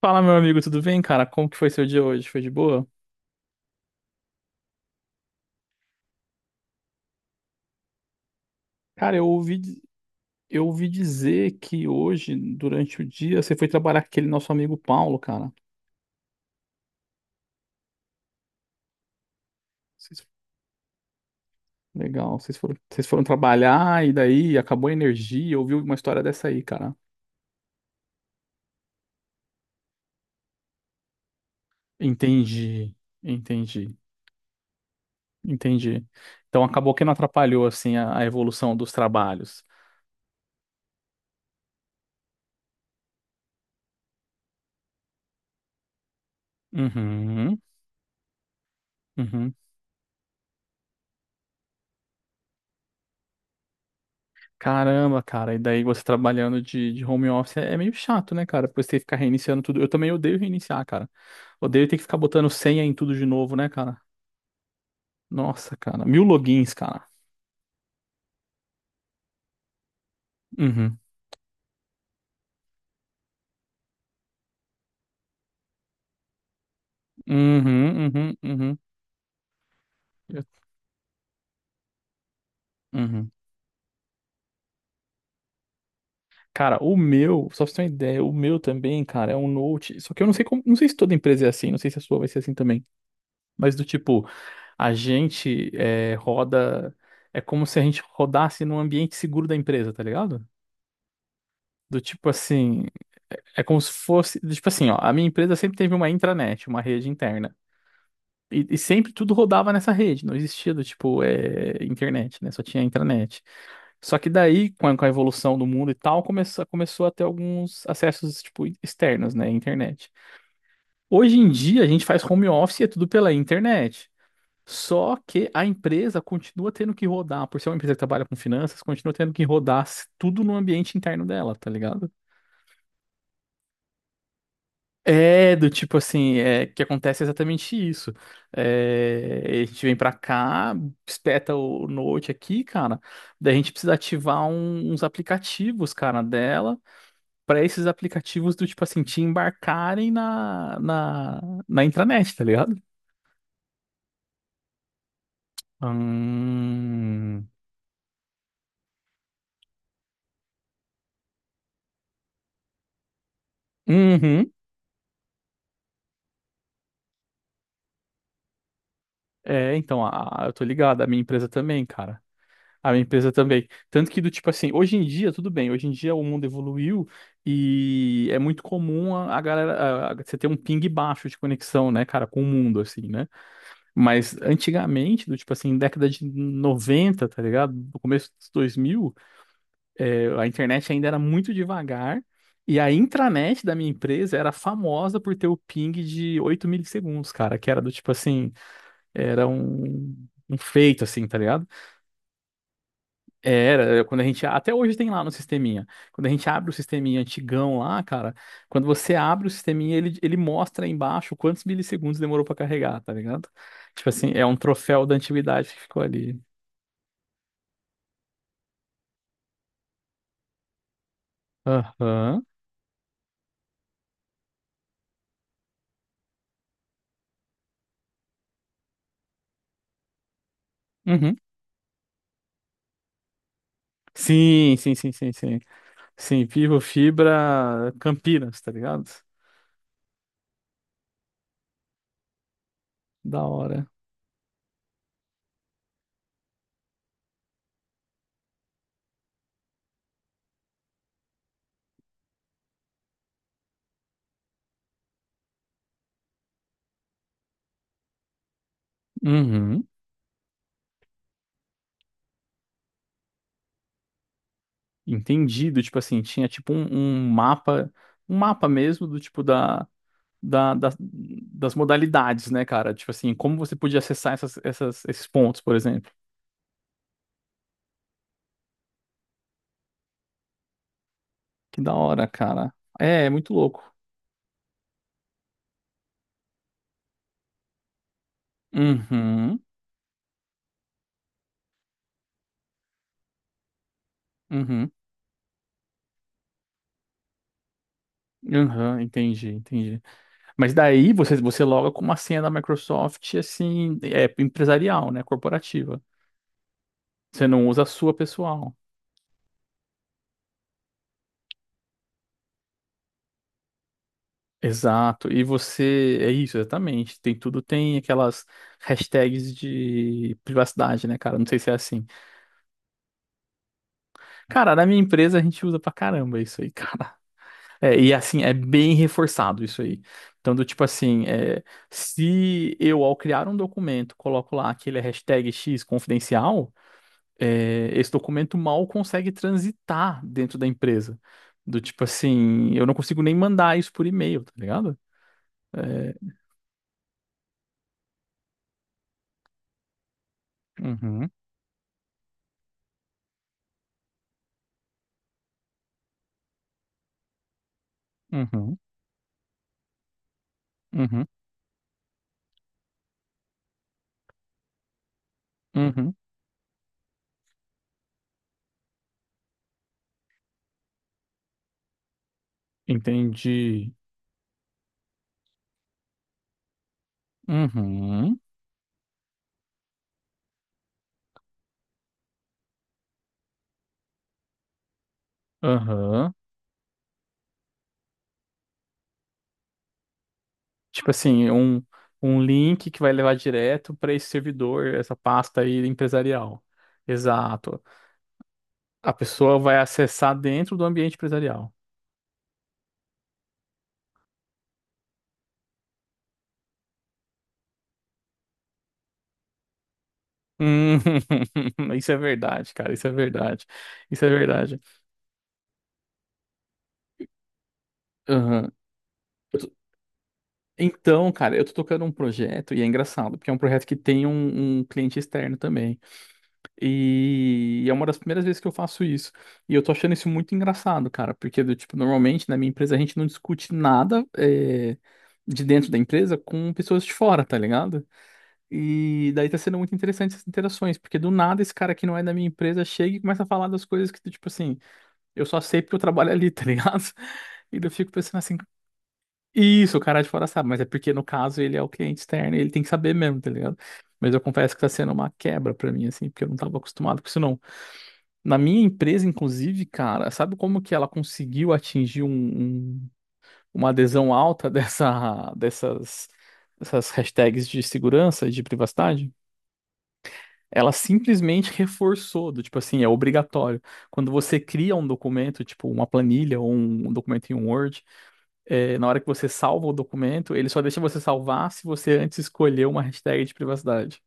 Fala, meu amigo, tudo bem, cara? Como que foi seu dia hoje? Foi de boa? Cara, eu ouvi dizer que hoje, durante o dia, você foi trabalhar com aquele nosso amigo Paulo, cara. Vocês- Legal, vocês foram trabalhar e daí acabou a energia. Eu ouvi uma história dessa aí, cara. Entendi, entendi, entendi. Então acabou que não atrapalhou, assim, a evolução dos trabalhos. Uhum, uhum. Caramba, cara, e daí você trabalhando de home office é meio chato, né, cara? Depois tem que ficar reiniciando tudo. Eu também odeio reiniciar, cara. Odeio ter que ficar botando senha em tudo de novo, né, cara? Nossa, cara. Mil logins, cara. Uhum. Uhum, uhum, uhum. Eu- uhum. Cara, o meu, só pra você ter uma ideia, o meu também, cara, é um Note. Só que eu não sei como, não sei se toda empresa é assim, não sei se a sua vai ser assim também. Mas do tipo, a gente é, roda. É como se a gente rodasse num ambiente seguro da empresa, tá ligado? Do tipo assim, é como se fosse, tipo assim, ó, a minha empresa sempre teve uma intranet, uma rede interna. E sempre tudo rodava nessa rede, não existia do tipo é, internet, né? Só tinha intranet. Só que daí, com a evolução do mundo e tal, começou a ter alguns acessos tipo externos, né? Internet. Hoje em dia a gente faz home office e é tudo pela internet. Só que a empresa continua tendo que rodar, por ser uma empresa que trabalha com finanças, continua tendo que rodar tudo no ambiente interno dela, tá ligado? É, do tipo assim, é que acontece exatamente isso. É, a gente vem pra cá, espeta o Note aqui, cara. Daí a gente precisa ativar uns aplicativos, cara, dela, pra esses aplicativos do tipo assim, te embarcarem na intranet, tá ligado? Hum, uhum. É, então, eu tô ligado, a minha empresa também, cara. A minha empresa também. Tanto que do tipo assim, hoje em dia, tudo bem, hoje em dia o mundo evoluiu e é muito comum a galera, você ter um ping baixo de conexão, né, cara, com o mundo, assim, né? Mas antigamente, do tipo assim, década de 90 tá ligado? No começo dos 2000, a internet ainda era muito devagar e a intranet da minha empresa era famosa por ter o ping de 8 milissegundos, cara, que era do tipo assim, era um feito, assim, tá ligado? Era, é, quando a gente. Até hoje tem lá no sisteminha. Quando a gente abre o sisteminha antigão lá, cara, quando você abre o sisteminha, ele mostra aí embaixo quantos milissegundos demorou pra carregar, tá ligado? Tipo assim, é um troféu da antiguidade que ficou ali. Aham. Uhum. Sim, sim, sim, sim, sim. Sim, Vivo Fibra Campinas, tá ligado? Da hora. Uhum. Entendido, tipo assim, tinha tipo um, um mapa, um mapa mesmo do tipo das modalidades, né, cara? Tipo assim, como você podia acessar essas, esses pontos, por exemplo. Que da hora, cara. É, é muito louco. Uhum, uhum, uhum, entendi, entendi. Mas daí você, loga com uma senha da Microsoft, assim, é empresarial, né, corporativa. Você não usa a sua pessoal. Exato, e você, é isso, exatamente. Tem tudo, tem aquelas hashtags de privacidade, né, cara? Não sei se é assim. Cara, na minha empresa a gente usa pra caramba isso aí, cara. É, e assim, é bem reforçado isso aí. Então, do tipo assim, é, se eu, ao criar um documento, coloco lá que ele é hashtag X confidencial, é, esse documento mal consegue transitar dentro da empresa. Do tipo assim, eu não consigo nem mandar isso por e-mail, tá ligado? É, uhum, uhum, uhum, uhum. Entendi. Uhum, aham. Tipo assim, um, link que vai levar direto para esse servidor, essa pasta aí empresarial. Exato. A pessoa vai acessar dentro do ambiente empresarial. Hum, isso é verdade, cara. Isso é verdade. Isso é verdade. Aham. Eu tô- Então, cara, eu tô tocando um projeto e é engraçado, porque é um projeto que tem um cliente externo também. E é uma das primeiras vezes que eu faço isso. E eu tô achando isso muito engraçado, cara, porque do tipo, normalmente na minha empresa a gente não discute nada é, de dentro da empresa com pessoas de fora, tá ligado? E daí tá sendo muito interessante essas interações, porque do nada esse cara que não é da minha empresa chega e começa a falar das coisas que, tipo assim, eu só sei porque eu trabalho ali, tá ligado? E daí eu fico pensando assim, isso, o cara de fora sabe, mas é porque no caso ele é o cliente externo e ele tem que saber mesmo, tá ligado? Mas eu confesso que tá sendo uma quebra pra mim, assim, porque eu não tava acostumado com isso, não. Na minha empresa, inclusive, cara, sabe como que ela conseguiu atingir uma adesão alta dessas hashtags de segurança e de privacidade? Ela simplesmente reforçou, do tipo assim, é obrigatório. Quando você cria um documento, tipo uma planilha ou um documento em um Word, é, na hora que você salva o documento, ele só deixa você salvar se você antes escolher uma hashtag de privacidade.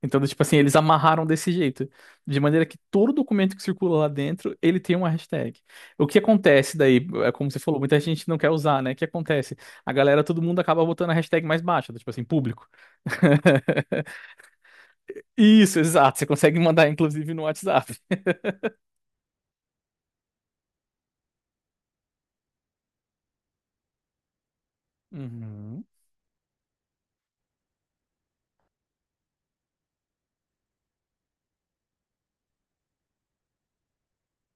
Então, tipo assim, eles amarraram desse jeito. De maneira que todo documento que circula lá dentro, ele tem uma hashtag. O que acontece daí, é como você falou, muita gente não quer usar, né? O que acontece? A galera, todo mundo acaba botando a hashtag mais baixa, tipo assim, público. Isso, exato. Você consegue mandar, inclusive, no WhatsApp. Uhum.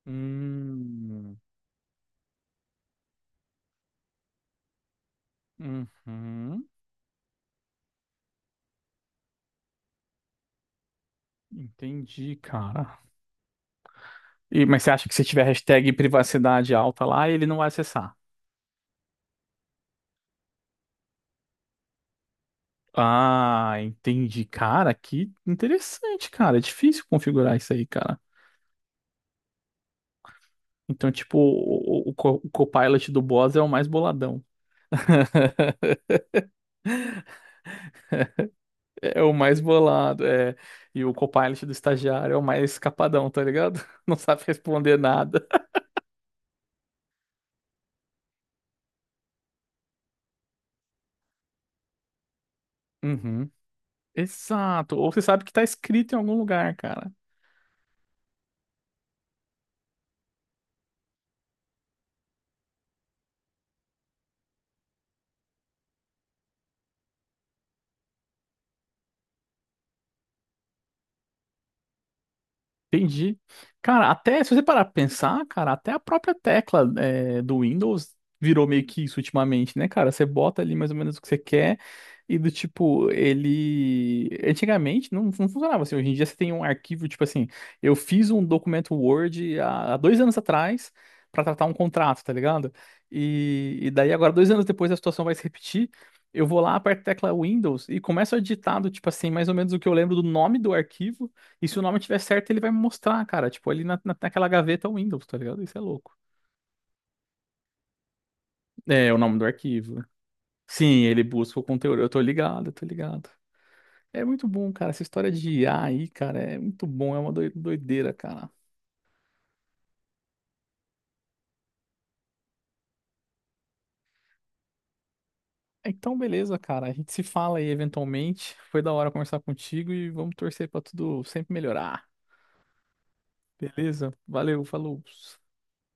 Hum. Uhum. Entendi, cara. E, mas você acha que se tiver hashtag privacidade alta lá, ele não vai acessar? Ah, entendi. Cara, que interessante, cara. É difícil configurar isso aí, cara. Então, tipo, o Copilot do boss é o mais boladão. É o mais bolado, é. E o Copilot do estagiário é o mais capadão, tá ligado? Não sabe responder nada. Uhum. Exato. Ou você sabe que tá escrito em algum lugar, cara. Entendi. Cara, até se você parar pra pensar, cara, até a própria tecla é, do Windows virou meio que isso ultimamente, né, cara? Você bota ali mais ou menos o que você quer e do tipo, ele. Antigamente não, não funcionava assim. Hoje em dia você tem um arquivo, tipo assim, eu fiz um documento Word há, há, 2 anos atrás pra tratar um contrato, tá ligado? E daí agora, 2 anos depois, a situação vai se repetir. Eu vou lá, aperto a tecla Windows e começo a digitar do tipo assim, mais ou menos o que eu lembro do nome do arquivo. E se o nome tiver certo, ele vai me mostrar, cara. Tipo, ali naquela gaveta Windows, tá ligado? Isso é louco. É, é o nome do arquivo. Sim, ele busca o conteúdo. Eu tô ligado, eu tô ligado. É muito bom, cara. Essa história de IA aí, cara, é muito bom. É uma doideira, cara. Então, beleza, cara. A gente se fala aí eventualmente. Foi da hora conversar contigo e vamos torcer pra tudo sempre melhorar. Beleza? Valeu, falou.